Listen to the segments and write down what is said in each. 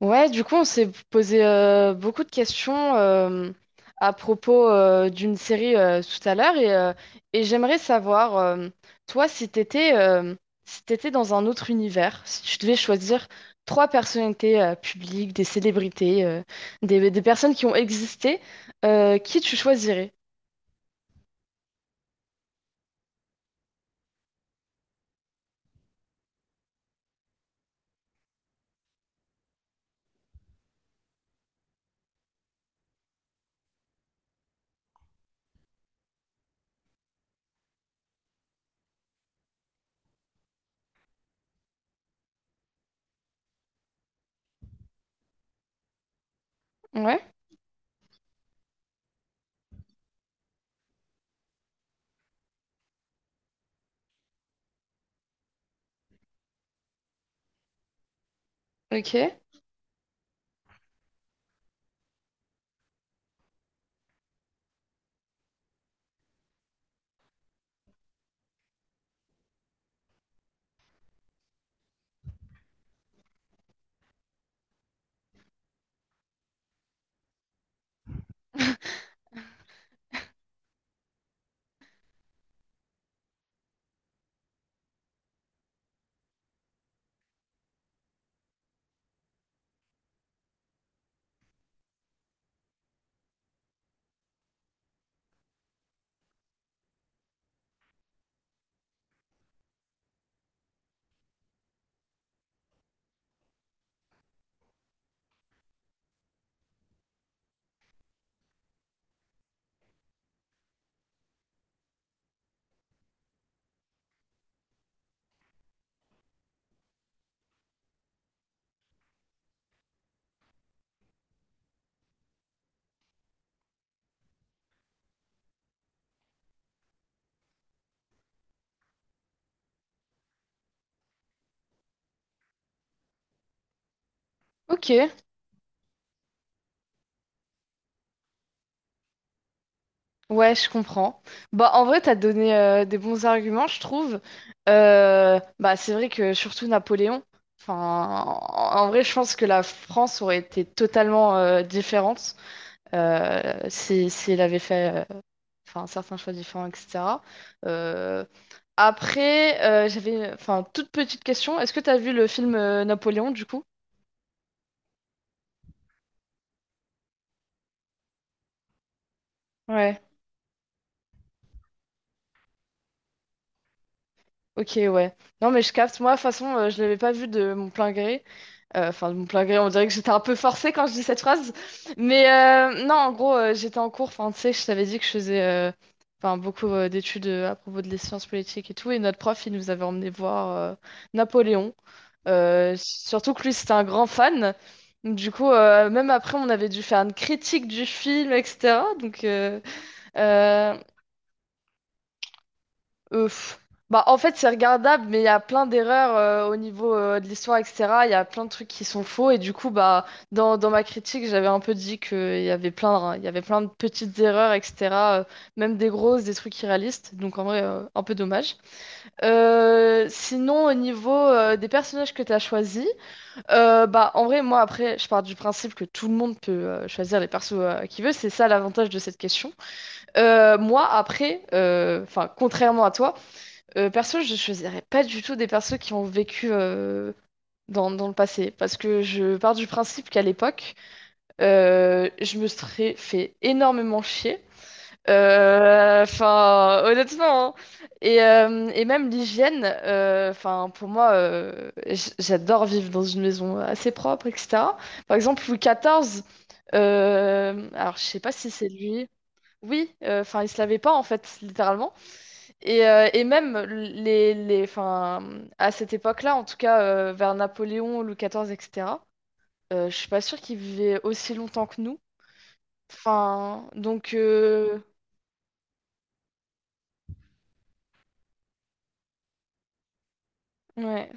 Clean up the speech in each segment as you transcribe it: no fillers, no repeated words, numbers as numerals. Ouais, du coup, on s'est posé beaucoup de questions à propos d'une série tout à l'heure et j'aimerais savoir, toi, si t'étais si t'étais dans un autre univers, si tu devais choisir trois personnalités publiques, des célébrités, des personnes qui ont existé, qui tu choisirais? Ouais, ok, ok. Ouais, je comprends. Bah, en vrai, t'as donné des bons arguments, je trouve. Bah, c'est vrai que surtout Napoléon. Enfin, en vrai, je pense que la France aurait été totalement différente si elle avait fait enfin, certains choix différents, etc. Euh, Après, j'avais enfin toute petite question. Est-ce que t'as vu le film Napoléon, du coup? Ouais. Ok, ouais. Non, mais je capte. Moi, de toute façon, je l'avais pas vu de mon plein gré. Enfin, de mon plein gré, on dirait que j'étais un peu forcée quand je dis cette phrase. Mais non, en gros, j'étais en cours. Enfin, tu sais, je t'avais dit que je faisais enfin, beaucoup d'études à propos de les sciences politiques et tout. Et notre prof, il nous avait emmené voir Napoléon. Surtout que lui, c'était un grand fan. Donc, du coup, même après, on avait dû faire une critique du film, etc. Donc, euh, pff. Bah, en fait, c'est regardable, mais il y a plein d'erreurs au niveau de l'histoire, etc. Il y a plein de trucs qui sont faux. Et du coup, bah, dans ma critique, j'avais un peu dit qu'il y avait plein, de petites erreurs, etc. euh, Même des grosses, des trucs irréalistes. Donc, en vrai, un peu dommage. Sinon, au niveau des personnages que tu as choisis, bah, en vrai, moi, après, je pars du principe que tout le monde peut choisir les persos qu'il veut. C'est ça l'avantage de cette question. Moi, après, enfin, contrairement à toi, perso, je choisirais pas du tout des persos qui ont vécu dans le passé, parce que je pars du principe qu'à l'époque, je me serais fait énormément chier. Enfin, honnêtement, hein. Et même l'hygiène, enfin, pour moi, j'adore vivre dans une maison assez propre, etc. Par exemple, Louis XIV, alors je sais pas si c'est lui. Oui, enfin, il se lavait pas en fait, littéralement. Et même les, enfin, à cette époque-là, en tout cas vers Napoléon, Louis XIV, etc., je suis pas sûre qu'ils vivaient aussi longtemps que nous. Enfin, donc, ouais,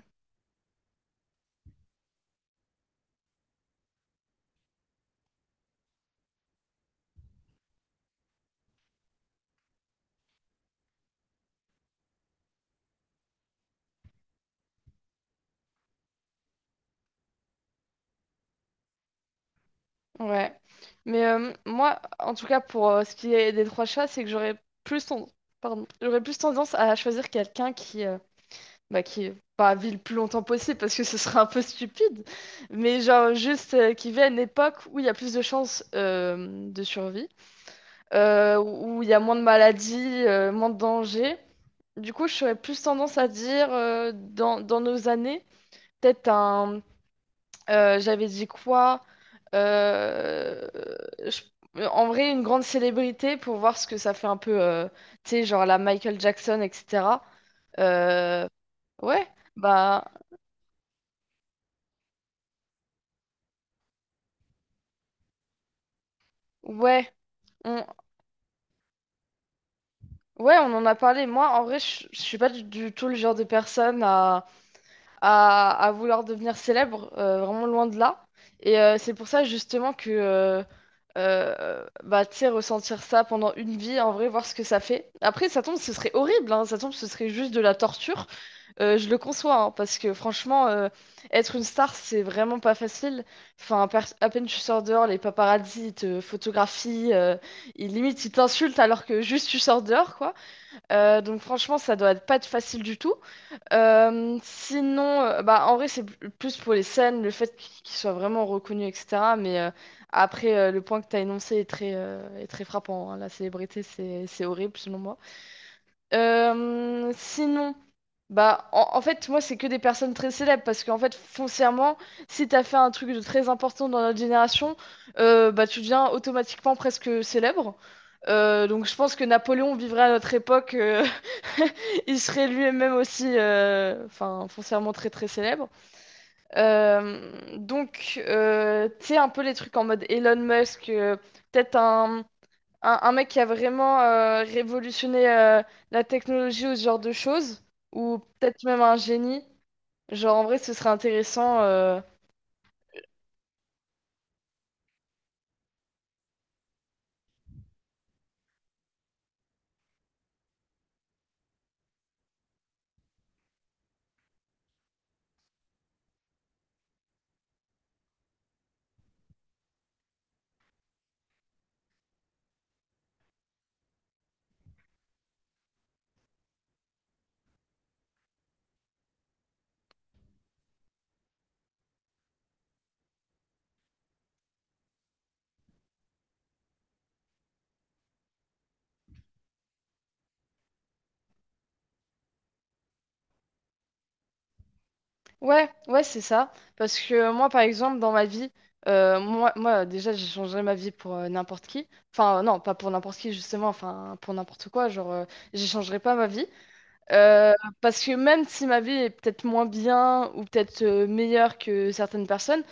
ouais. Mais moi, en tout cas, pour ce qui est des trois chats, c'est que j'aurais plus, ten- pardon, j'aurais plus tendance à choisir quelqu'un qui, bah, qui pas vit le plus longtemps possible parce que ce serait un peu stupide, mais genre juste qui vit à une époque où il y a plus de chances de survie. Où il y a moins de maladies, moins de dangers. Du coup, je serais plus tendance à dire dans nos années, peut-être un. J'avais dit quoi? Euh, je- En vrai, une grande célébrité pour voir ce que ça fait un peu, tu sais, genre la Michael Jackson, etc. Euh, ouais, bah, ouais, on, ouais, on en a parlé. Moi, en vrai, je suis pas du tout le genre de personne à vouloir devenir célèbre, vraiment loin de là. Et c'est pour ça justement que, bah, tu sais, ressentir ça pendant une vie, en vrai, voir ce que ça fait. Après, ça tombe, ce serait horrible, hein, ça tombe, ce serait juste de la torture. Je le conçois, hein, parce que franchement, être une star, c'est vraiment pas facile. Enfin, à peine tu sors dehors, les paparazzis ils te photographient, ils, limite, ils t'insultent alors que juste tu sors dehors, quoi. Donc franchement, ça doit être pas être facile du tout. Sinon, bah, en vrai, c'est plus pour les scènes, le fait qu'ils soient vraiment reconnus, etc. Mais après, le point que tu as énoncé est très frappant, hein. La célébrité, c'est horrible, selon moi. Sinon, bah en fait, moi, c'est que des personnes très célèbres parce qu'en fait, foncièrement, si t'as fait un truc de très important dans notre génération, bah tu deviens automatiquement presque célèbre. Donc, je pense que Napoléon vivrait à notre époque, il serait lui-même aussi, enfin, foncièrement très très célèbre. Euh, donc, tu sais, un peu les trucs en mode Elon Musk, peut-être un mec qui a vraiment révolutionné la technologie ou ce genre de choses, ou peut-être même un génie. Genre, en vrai, ce serait intéressant. Ouais, ouais, c'est ça. Parce que moi, par exemple, dans ma vie, déjà, j'ai changé ma vie pour n'importe qui. Enfin, non, pas pour n'importe qui, justement, enfin, pour n'importe quoi. Genre, j'échangerai pas ma vie. Euh, Parce que même si ma vie est peut-être moins bien ou peut-être meilleure que certaines personnes,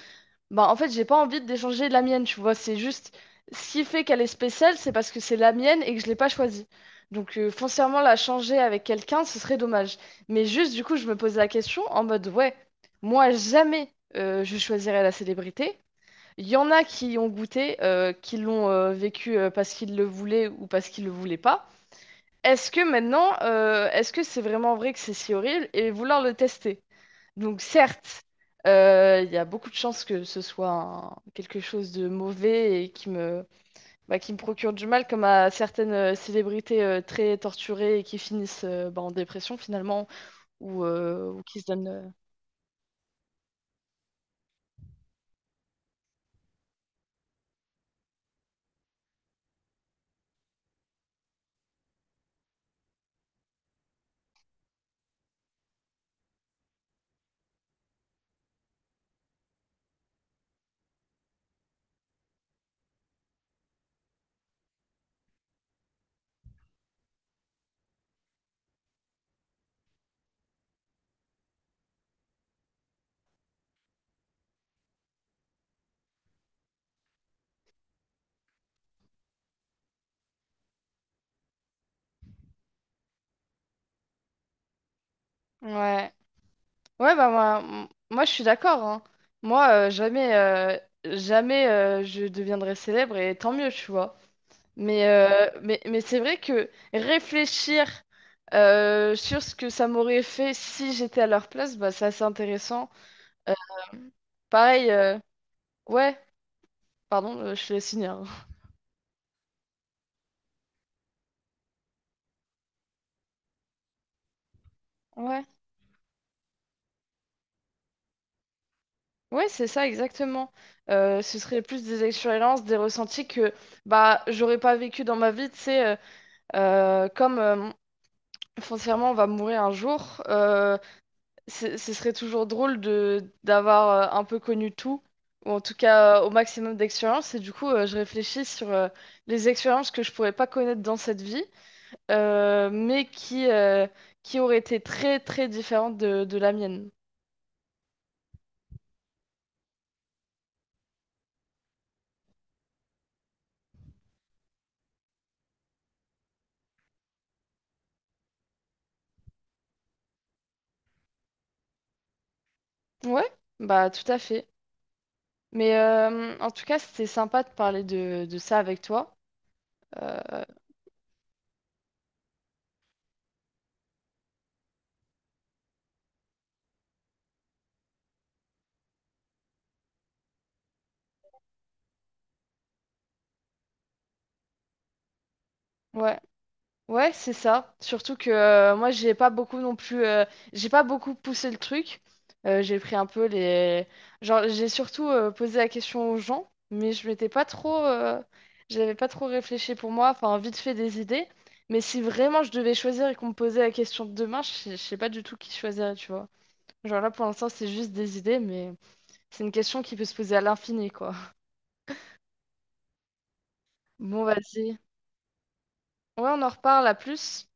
bah, en fait, j'ai pas envie de d'échanger la mienne, tu vois. C'est juste ce qui fait qu'elle est spéciale, c'est parce que c'est la mienne et que je l'ai pas choisie. Donc, foncièrement, la changer avec quelqu'un, ce serait dommage. Mais juste, du coup, je me posais la question en mode, ouais, moi, jamais je choisirais la célébrité. Il y en a qui y ont goûté, qui l'ont vécu parce qu'ils le voulaient ou parce qu'ils le voulaient pas. Est-ce que maintenant, est-ce que c'est vraiment vrai que c'est si horrible et vouloir le tester? Donc certes, il y a beaucoup de chances que ce soit quelque chose de mauvais et qui me, bah, qui me procure du mal, comme à certaines célébrités très torturées et qui finissent bah, en dépression finalement, ou qui se donnent. Ouais, ouais bah, moi, moi je suis d'accord, hein. Moi, jamais je deviendrai célèbre et tant mieux, tu vois. Mais c'est vrai que réfléchir sur ce que ça m'aurait fait si j'étais à leur place, bah, c'est assez intéressant. Euh, Pareil, ouais, pardon, je te laisse finir. Ouais, ouais, c'est ça exactement. Ce serait plus des expériences, des ressentis que bah j'aurais pas vécu dans ma vie, tu sais, comme foncièrement on va mourir un jour. Ce serait toujours drôle de d'avoir un peu connu tout, ou en tout cas au maximum d'expériences. Et du coup, je réfléchis sur les expériences que je pourrais pas connaître dans cette vie, mais qui auraient été très très différentes de la mienne. Ouais, bah tout à fait. Mais en tout cas, c'était sympa de parler de ça avec toi. Euh, ouais. Ouais, c'est ça. Surtout que moi, j'ai pas beaucoup non plus. J'ai pas beaucoup poussé le truc. J'ai pris un peu les. Genre, j'ai surtout posé la question aux gens, mais je m'étais pas trop. J'avais pas trop réfléchi pour moi. Enfin, vite fait des idées. Mais si vraiment je devais choisir et qu'on me posait la question de demain, je sais pas du tout qui choisirait, tu vois. Genre là, pour l'instant, c'est juste des idées, mais c'est une question qui peut se poser à l'infini, quoi. Bon, vas-y. Ouais, on en reparle à plus.